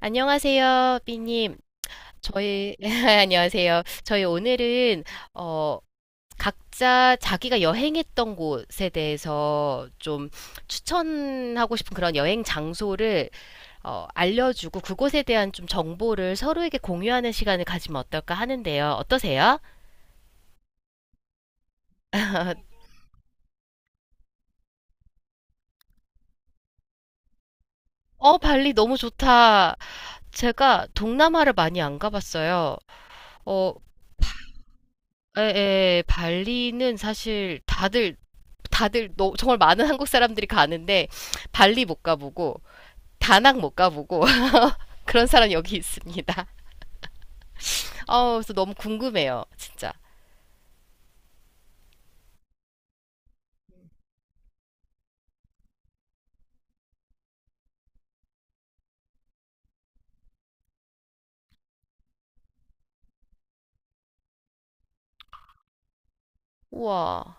안녕하세요, 삐님. 저희, 안녕하세요. 저희 오늘은, 어, 각자 자기가 여행했던 곳에 대해서 좀 추천하고 싶은 그런 여행 장소를, 알려주고 그곳에 대한 좀 정보를 서로에게 공유하는 시간을 가지면 어떨까 하는데요. 어떠세요? 발리 너무 좋다. 제가 동남아를 많이 안 가봤어요. 어, 에, 발리는 사실 다들 정말 많은 한국 사람들이 가는데 발리 못 가보고 다낭 못 가보고 그런 사람 이 여기 있습니다. 아, 그래서 너무 궁금해요, 진짜. 우와,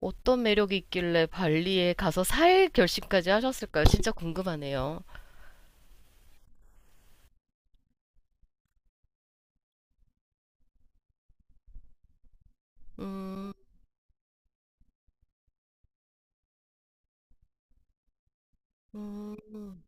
어떤 매력이 있길래 발리에 가서 살 결심까지 하셨을까요? 진짜 궁금하네요. 음, 음,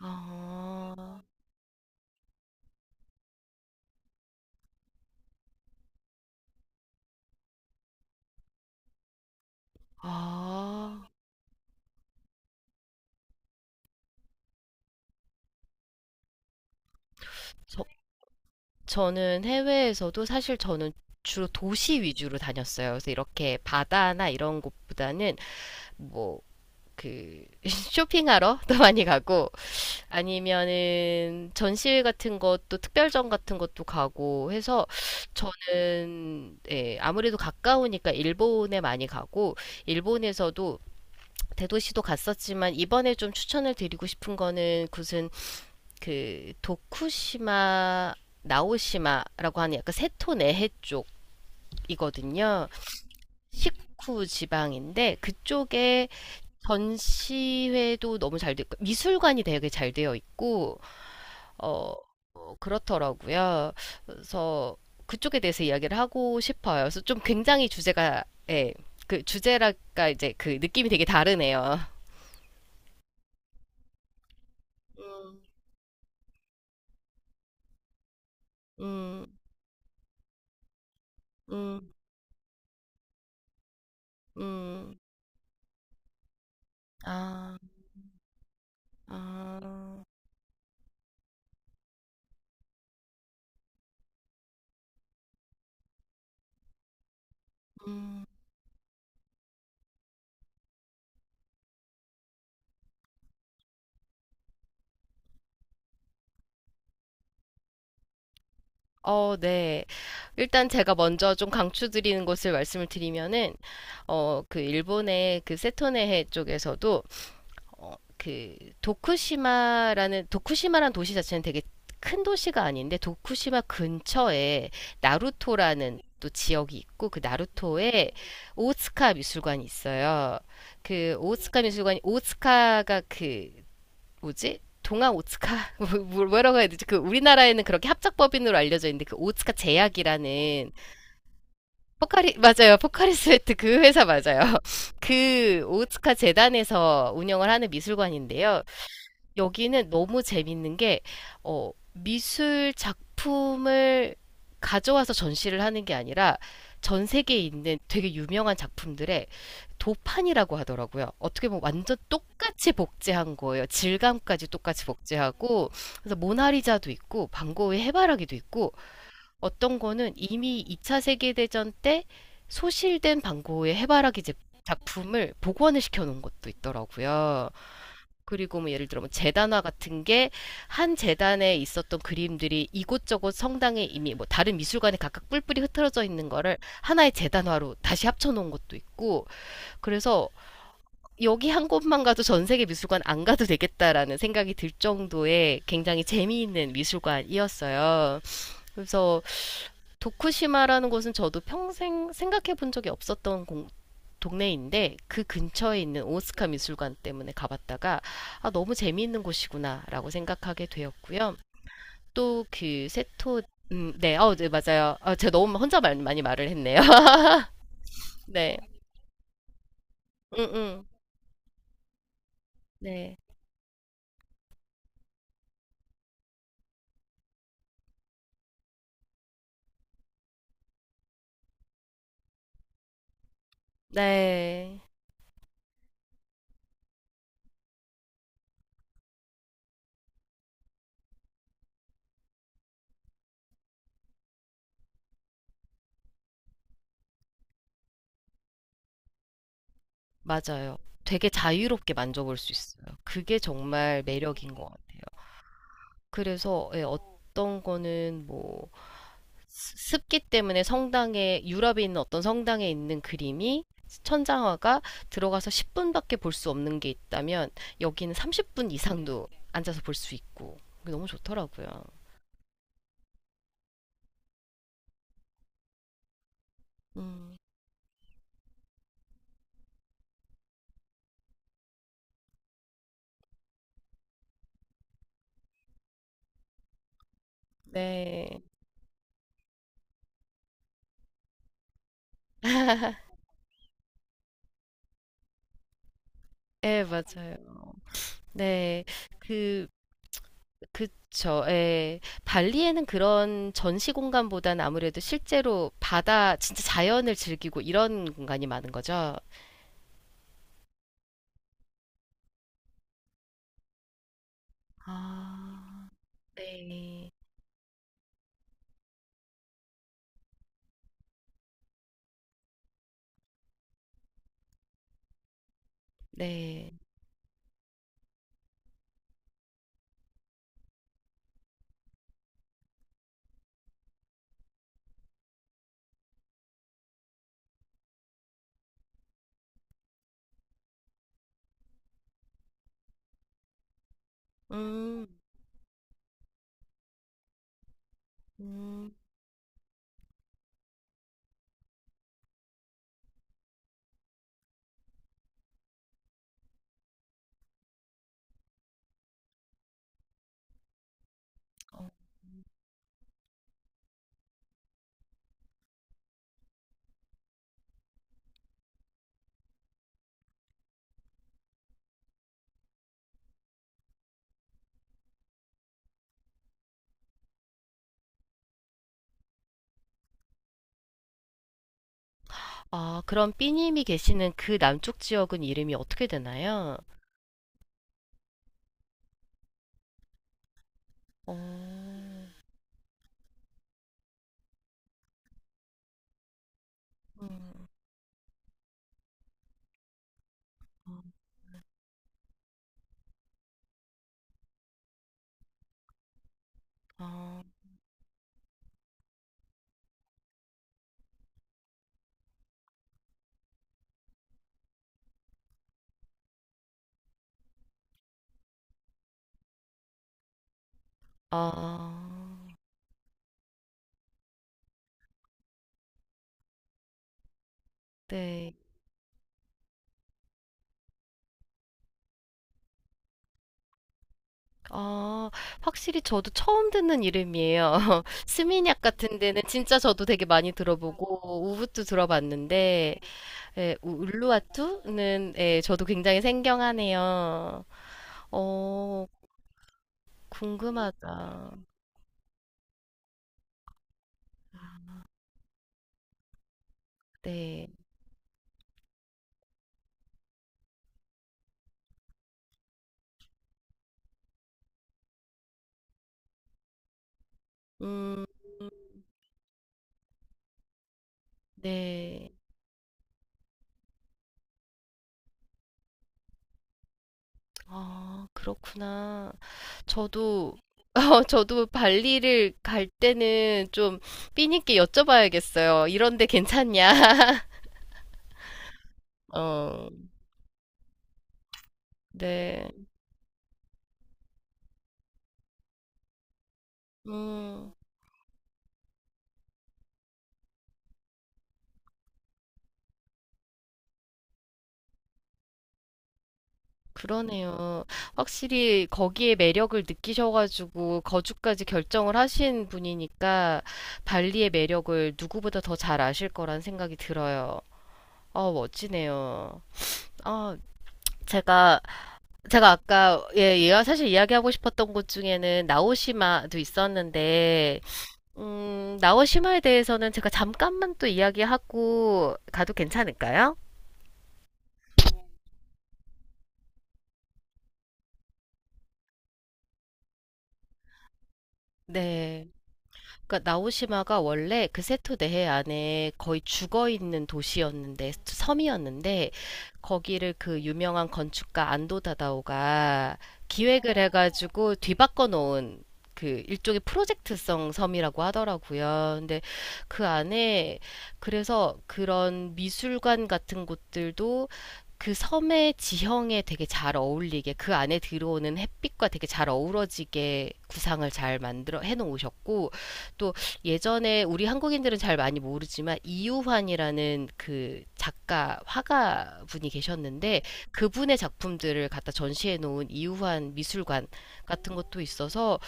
아, 아, 저, 저는 해외에서도 사실 저는 주로 도시 위주로 다녔어요. 그래서 이렇게 바다나 이런 곳보다는 뭐 그 쇼핑하러 또 많이 가고 아니면은 전시회 같은 것도 특별전 같은 것도 가고 해서 저는 예, 아무래도 가까우니까 일본에 많이 가고 일본에서도 대도시도 갔었지만 이번에 좀 추천을 드리고 싶은 거는 무슨 그 도쿠시마 나오시마라고 하는 약간 세토 내해 쪽이거든요. 식후 지방인데 그쪽에 전시회도 너무 잘 됐고 미술관이 되게 잘 되어 있고 어 그렇더라고요. 그래서 그쪽에 대해서 이야기를 하고 싶어요. 그래서 좀 굉장히 주제가 예, 그 주제랄까 이제 그 느낌이 되게 다르네요. 음, 음, 음, 음, 아, 아, 음, 어, 네. 일단 제가 먼저 좀 강추드리는 것을 말씀을 드리면은, 그 일본의 그 세토네해 쪽에서도 그 도쿠시마라는 도시 자체는 되게 큰 도시가 아닌데 도쿠시마 근처에 나루토라는 또 지역이 있고 그 나루토에 오츠카 미술관이 있어요. 그 오츠카 미술관이 오츠카가 그 뭐지? 동아 오츠카 뭐라고 해야 되지? 그 우리나라에는 그렇게 합작법인으로 알려져 있는데 그 오츠카 제약이라는 포카리 맞아요. 포카리 스웨트 그 회사 맞아요. 그 오츠카 재단에서 운영을 하는 미술관인데요. 여기는 너무 재밌는 게, 미술 작품을 가져와서 전시를 하는 게 아니라 전 세계에 있는 되게 유명한 작품들의 도판이라고 하더라고요. 어떻게 보면 완전 똑같이 복제한 거예요. 질감까지 똑같이 복제하고, 그래서 모나리자도 있고, 반 고흐의 해바라기도 있고, 어떤 거는 이미 2차 세계대전 때 소실된 반 고흐의 해바라기 작품을 복원을 시켜 놓은 것도 있더라고요. 그리고 뭐 예를 들어 뭐 재단화 같은 게 한 재단에 있었던 그림들이 이곳저곳 성당에 이미 뭐 다른 미술관에 각각 뿔뿔이 흩어져 있는 거를 하나의 재단화로 다시 합쳐놓은 것도 있고 그래서 여기 한 곳만 가도 전 세계 미술관 안 가도 되겠다라는 생각이 들 정도의 굉장히 재미있는 미술관이었어요. 그래서 도쿠시마라는 곳은 저도 평생 생각해 본 적이 없었던 동네인데 그 근처에 있는 오스카 미술관 때문에 가봤다가 아, 너무 재미있는 곳이구나라고 생각하게 되었고요. 또 그 세토 네, 어, 네, 맞아요. 아, 제가 너무 혼자 많이 말을 했네요. 네, 음, 음, 네, 네, 맞아요. 되게 자유롭게 만져볼 수 있어요. 그게 정말 매력인 것 같아요. 그래서 예, 어떤 거는 뭐 기 때문에 성당에 유럽에 있는 어떤 성당에 있는 그림이 천장화가 들어가서 10분밖에 볼 수 없는 게 있다면 여기는 30분 이상도 앉아서 볼 수 있고 너무 좋더라고요. 음, 네. 예, 맞아요. 네. 그, 그쵸. 예. 발리에는 그런 전시 공간보단 아무래도 실제로 바다, 진짜 자연을 즐기고 이런 공간이 많은 거죠. 아, 네. 네. 음, 음, 어. 아, 그럼 삐님이 계시는 그 남쪽 지역은 이름이 어떻게 되나요? 어, 음, 아, 아, 네. 아, 확실히 저도 처음 듣는 이름이에요. 스미냑 같은 데는 진짜 저도 되게 많이 들어보고, 우붓도 들어봤는데, 예, 울루와투는, 예, 저도 굉장히 생경하네요. 어, 궁금하다. 네. 음, 네. 아, 그렇구나. 저도, 저도 발리를 갈 때는 좀 삐님께 여쭤봐야겠어요. 이런데 괜찮냐? 어, 네. 음, 그러네요. 확실히 거기에 매력을 느끼셔가지고 거주까지 결정을 하신 분이니까 발리의 매력을 누구보다 더 잘 아실 거란 생각이 들어요. 멋지네요. 아, 제가 제가 아까 예, 얘와 사실 이야기하고 싶었던 곳 중에는 나오시마도 있었는데 나오시마에 대해서는 제가 잠깐만 또 이야기하고 가도 괜찮을까요? 네. 그러니까 나오시마가 원래 그 세토 내해 안에 거의 죽어 있는 도시였는데 섬이었는데 거기를 그 유명한 건축가 안도 다다오가 기획을 해가지고 뒤바꿔 놓은 그 일종의 프로젝트성 섬이라고 하더라고요. 근데 그 안에 그래서 그런 미술관 같은 곳들도 그 섬의 지형에 되게 잘 어울리게 그 안에 들어오는 햇빛과 되게 잘 어우러지게 구상을 잘 만들어 해 놓으셨고 또 예전에 우리 한국인들은 잘 많이 모르지만 이유환이라는 그 작가 화가 분이 계셨는데 그분의 작품들을 갖다 전시해 놓은 이유환 미술관 같은 것도 있어서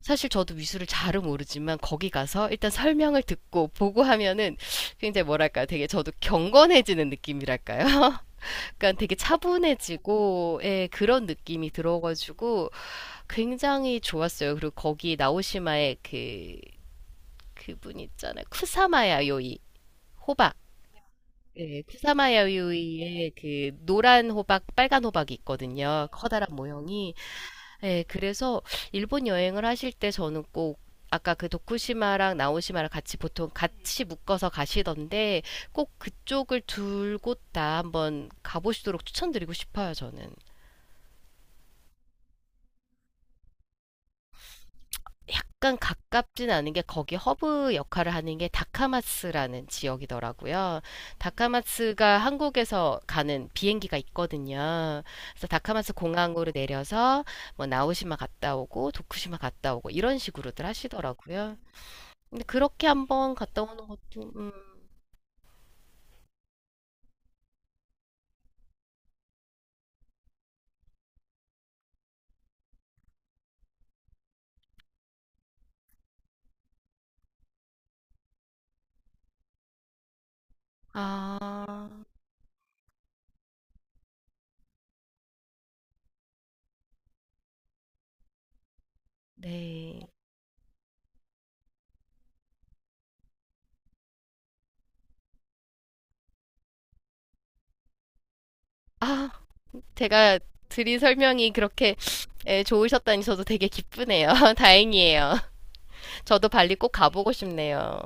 사실 저도 미술을 잘은 모르지만 거기 가서 일단 설명을 듣고 보고 하면은 굉장히 뭐랄까 되게 저도 경건해지는 느낌이랄까요? 그러니까 되게 차분해지고 예, 그런 느낌이 들어가지고 굉장히 좋았어요. 그리고 거기 나오시마의 그분 있잖아. 쿠사마야 요이. 호박. 네, 쿠사마야 요이의 그 노란 호박, 빨간 호박이 있거든요. 커다란 모형이. 네, 그래서 일본 여행을 하실 때 저는 꼭 아까 그 도쿠시마랑 나오시마랑 같이 보통 같이 묶어서 가시던데 꼭 그쪽을 둘 곳 다 한번 가보시도록 추천드리고 싶어요, 저는. 약간 가깝진 않은 게 거기 허브 역할을 하는 게 다카마스라는 지역이더라고요. 다카마스가 한국에서 가는 비행기가 있거든요. 그래서 다카마스 공항으로 내려서 뭐 나오시마 갔다 오고 도쿠시마 갔다 오고 이런 식으로들 하시더라고요. 근데 그렇게 한번 갔다 오는 것도 아, 네. 아, 제가 드린 설명이 그렇게 예, 좋으셨다니 저도 되게 기쁘네요. 다행이에요. 저도 발리 꼭 가보고 싶네요.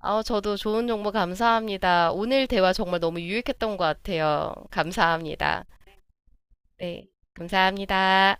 아, 저도 좋은 정보 감사합니다. 오늘 대화 정말 너무 유익했던 것 같아요. 감사합니다. 네, 감사합니다.